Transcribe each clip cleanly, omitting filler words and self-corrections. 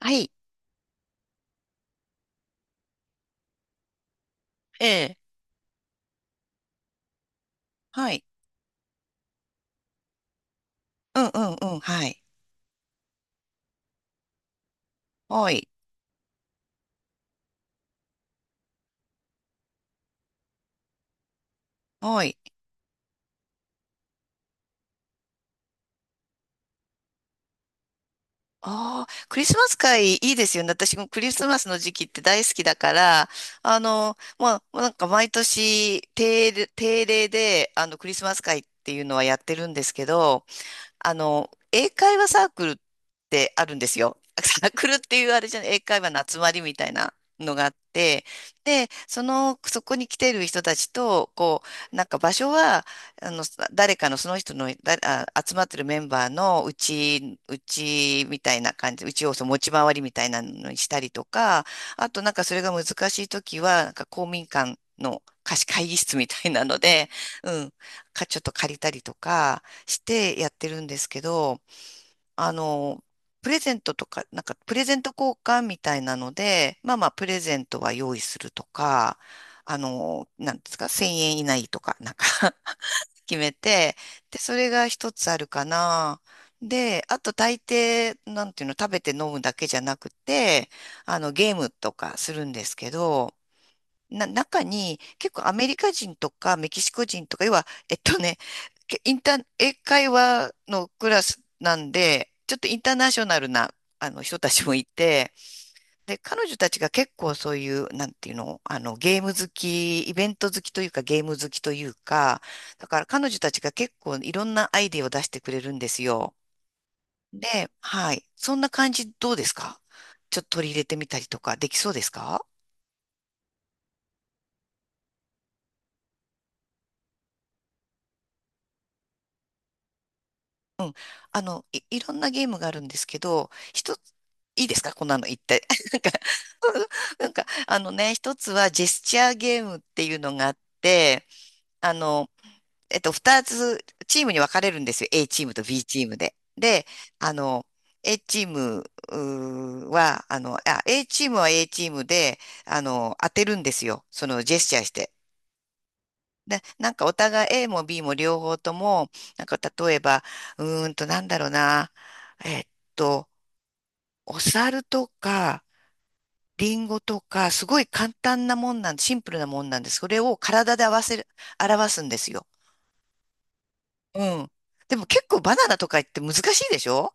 はい。ええ。はい。うんうんうん。はい。はい。はい。ああ、クリスマス会いいですよね。私もクリスマスの時期って大好きだから、まあ、なんか毎年定例で、クリスマス会っていうのはやってるんですけど、英会話サークルってあるんですよ。サークルっていうあれじゃない、英会話の集まりみたいなのがあって、で、そこに来ている人たちと、こう、なんか場所は、あの、誰かのその人の、集まってるメンバーのうち、うちみたいな感じ、うちをその持ち回りみたいなのにしたりとか、あとなんかそれが難しいときは、なんか公民館の貸し会議室みたいなので、うん、ちょっと借りたりとか、してやってるんですけど、あの、プレゼントとか、なんかプレゼント交換みたいなので、まあまあプレゼントは用意するとか、なんですか、1000円以内とか、なんか 決めて、で、それが一つあるかな。で、あと大抵、なんていうの、食べて飲むだけじゃなくて、ゲームとかするんですけど、中に結構アメリカ人とかメキシコ人とか、要は、けインター、英会話のクラスなんで、ちょっとインターナショナルな、あの人たちもいて、で、彼女たちが結構そういう、なんていうの、ゲーム好き、イベント好きというか、ゲーム好きというか、だから彼女たちが結構いろんなアイデアを出してくれるんですよ。で、はい。そんな感じどうですか？ちょっと取り入れてみたりとか、できそうですか？いろんなゲームがあるんですけど、一つ、いいですかこんなの言って。なんか、なんか、あのね、一つはジェスチャーゲームっていうのがあって、あの、二つチームに分かれるんですよ。A チームと B チームで。で、あの、A チームは A チームで、当てるんですよ。そのジェスチャーして。で、なんかお互い A も B も両方とも、なんか例えば、なんだろうな、えっと、お猿とか、リンゴとか、すごい簡単なもんなん、シンプルなもんなんです。それを体で合わせる、表すんですよ。うん。でも結構バナナとか言って難しいでしょ？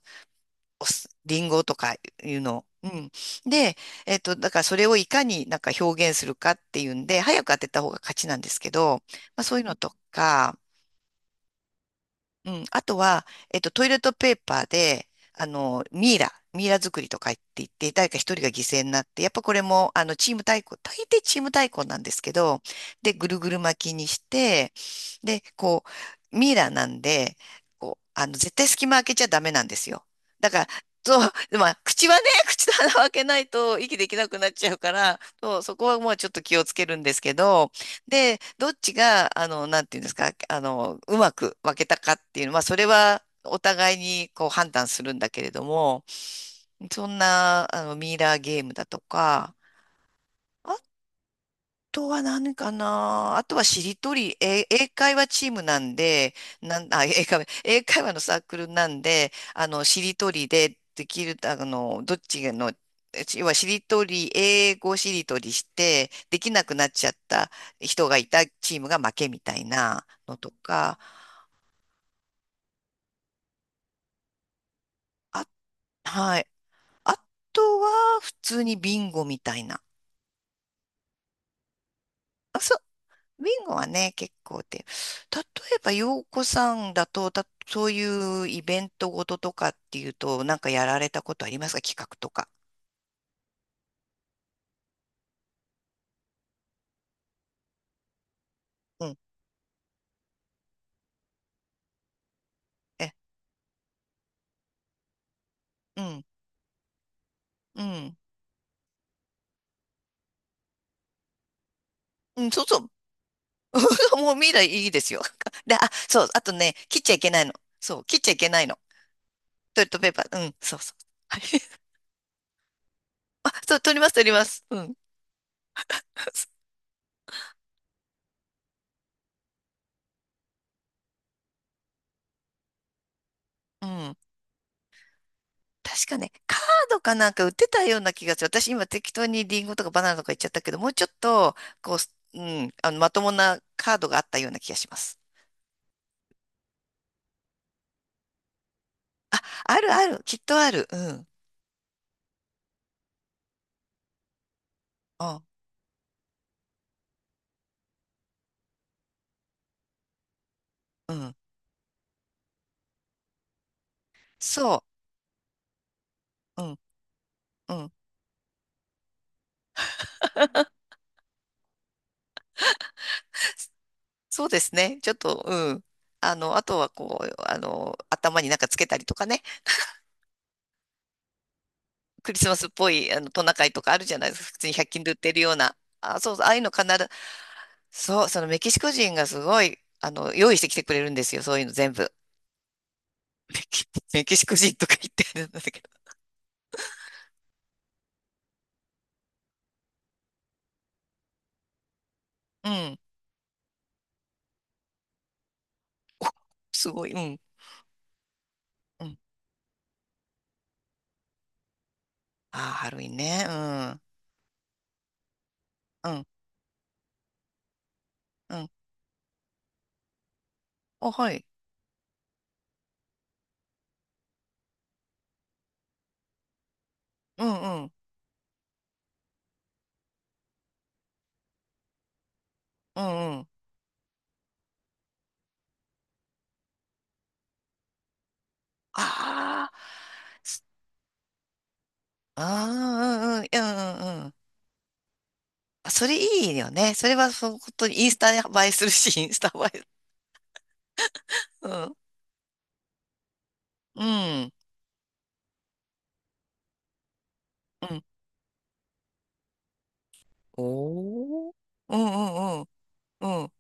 リンゴとかいうの。うん。で、だからそれをいかになんか表現するかっていうんで、早く当てた方が勝ちなんですけど、まあそういうのとか、うん。あとは、トイレットペーパーで、ミイラ作りとか言って、誰か一人が犠牲になって、やっぱこれも、チーム対抗、大抵チーム対抗なんですけど、で、ぐるぐる巻きにして、で、こう、ミイラなんで、こう、絶対隙間開けちゃダメなんですよ。だから、そう、でまあ、口はね、口と鼻を開けないと息できなくなっちゃうから、そう、そこはもうちょっと気をつけるんですけど、で、どっちが、なんていうんですか、うまく分けたかっていうのは、それはお互いにこう判断するんだけれども、そんな、ミイラーゲームだとか、あとは何かな。あとはしりとり、英会話チームなんで、なん、あ、英会話のサークルなんで、しりとりでできる、どっちの、要はしりとり、英語しりとりして、できなくなっちゃった人がいたチームが負けみたいなのとか、あ、はい。あとは、普通にビンゴみたいな。ウィンゴはね、結構で、例えば、洋子さんだと、そういうイベントごととかっていうと、なんかやられたことありますか？企画とか。うん。え、うん、うん。うん、そうそう。もう未来いいですよ。で、あ、そう、あとね、切っちゃいけないの。そう、切っちゃいけないの。トイレットペーパー。うん、そうそう。はい。あ、そう、取ります、取ります。うん。うん。確かね、カードかなんか売ってたような気がする。私今適当にリンゴとかバナナとか言っちゃったけど、もうちょっと、こう、すうん、まともなカードがあったような気がします。あるある、きっとある。うん。あ、うん。そう。うん。うん。そうですね。ちょっと、うん。あとはこう、頭になんかつけたりとかね。クリスマスっぽい、トナカイとかあるじゃないですか。普通に100均で売ってるような。あ、そうそう、ああいうの必ず、そう、そのメキシコ人がすごい、用意してきてくれるんですよ。そういうの全部。メキ、メキシコ人とか言ってるんだけど。うん。すごい。うん。うん。ああ、ハロウィンね。うん。うん。うん。あ、はい。うん、うん。うん、うん。ああ。すああ、うん、うん。いやうん、うん。うんあそれいいよね。それは、本当にインスタ映えするし、インスタ映え。うん。うん。うん。おお。うん、うん、うん。うん。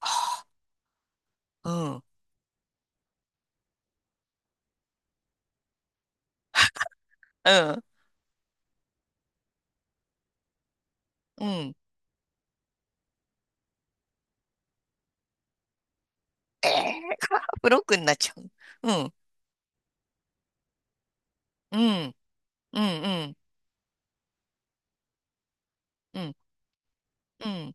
はあうん。うん。うん。ええー、ブロックになっちゃう。うん。うん。うん。うん。うん。うん。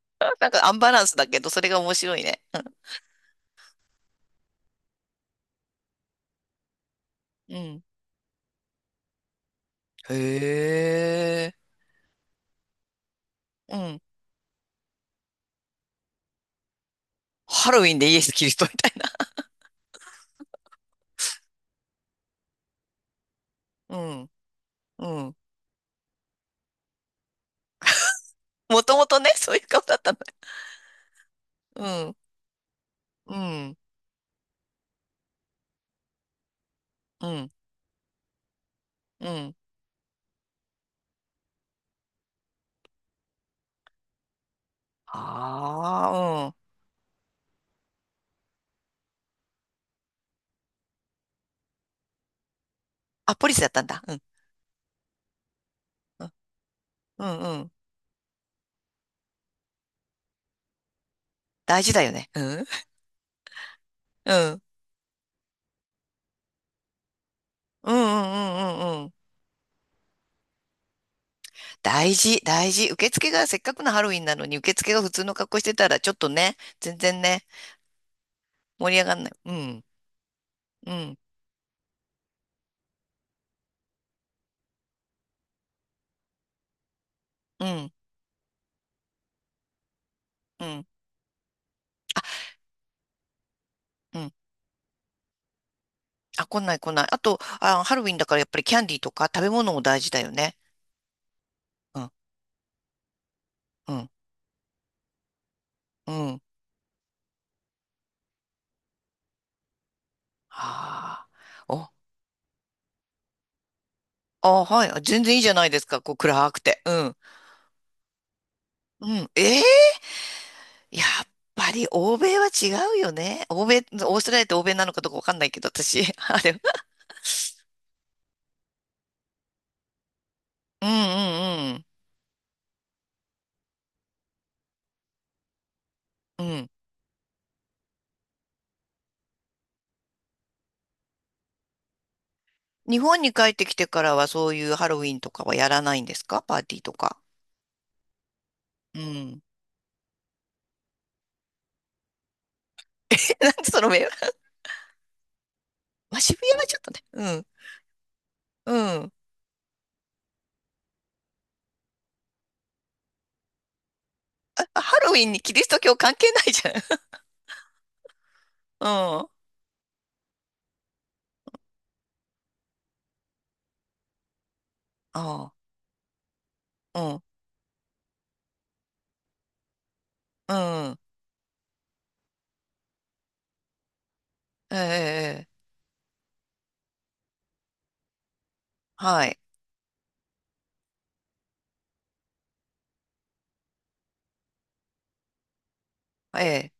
なんかアンバランスだけど、それが面白いね。うん。へえ。うん。ハロウィンでイエス・キリストみたいな。うん。うん。もともとね、そういう顔だったのね。うん。うん。うん。うん。ああ、うん。あ、ポリスだったんだ。うん。うん。うん。うん大事だよね。うん。うん。うんうんうんうんうん。大事、大事。受付がせっかくのハロウィンなのに、受付が普通の格好してたら、ちょっとね、全然ね、盛り上がんない。うん。うん。うん。うん。うん。あ、来ない来ない。あと、あ、ハロウィンだからやっぱりキャンディーとか食べ物も大事だよね。うん、うん、うん。ああ、お、あ、はい。あ全然いいじゃないですか。こう暗くて。うん。うん。ええやっぱり欧米は違うよね。欧米、オーストラリアって欧米なのかどうかわかんないけど、私。あれ。うんうんうん。うん。日本に帰ってきてからはそういうハロウィンとかはやらないんですかパーティーとか？うん。なんでその目は、まあ、渋谷はちょっとね。うん。うん。ハロウィンにキリスト教関係ないじゃん。うん。ああ、うん、うん。ええ、ええはい。ええ。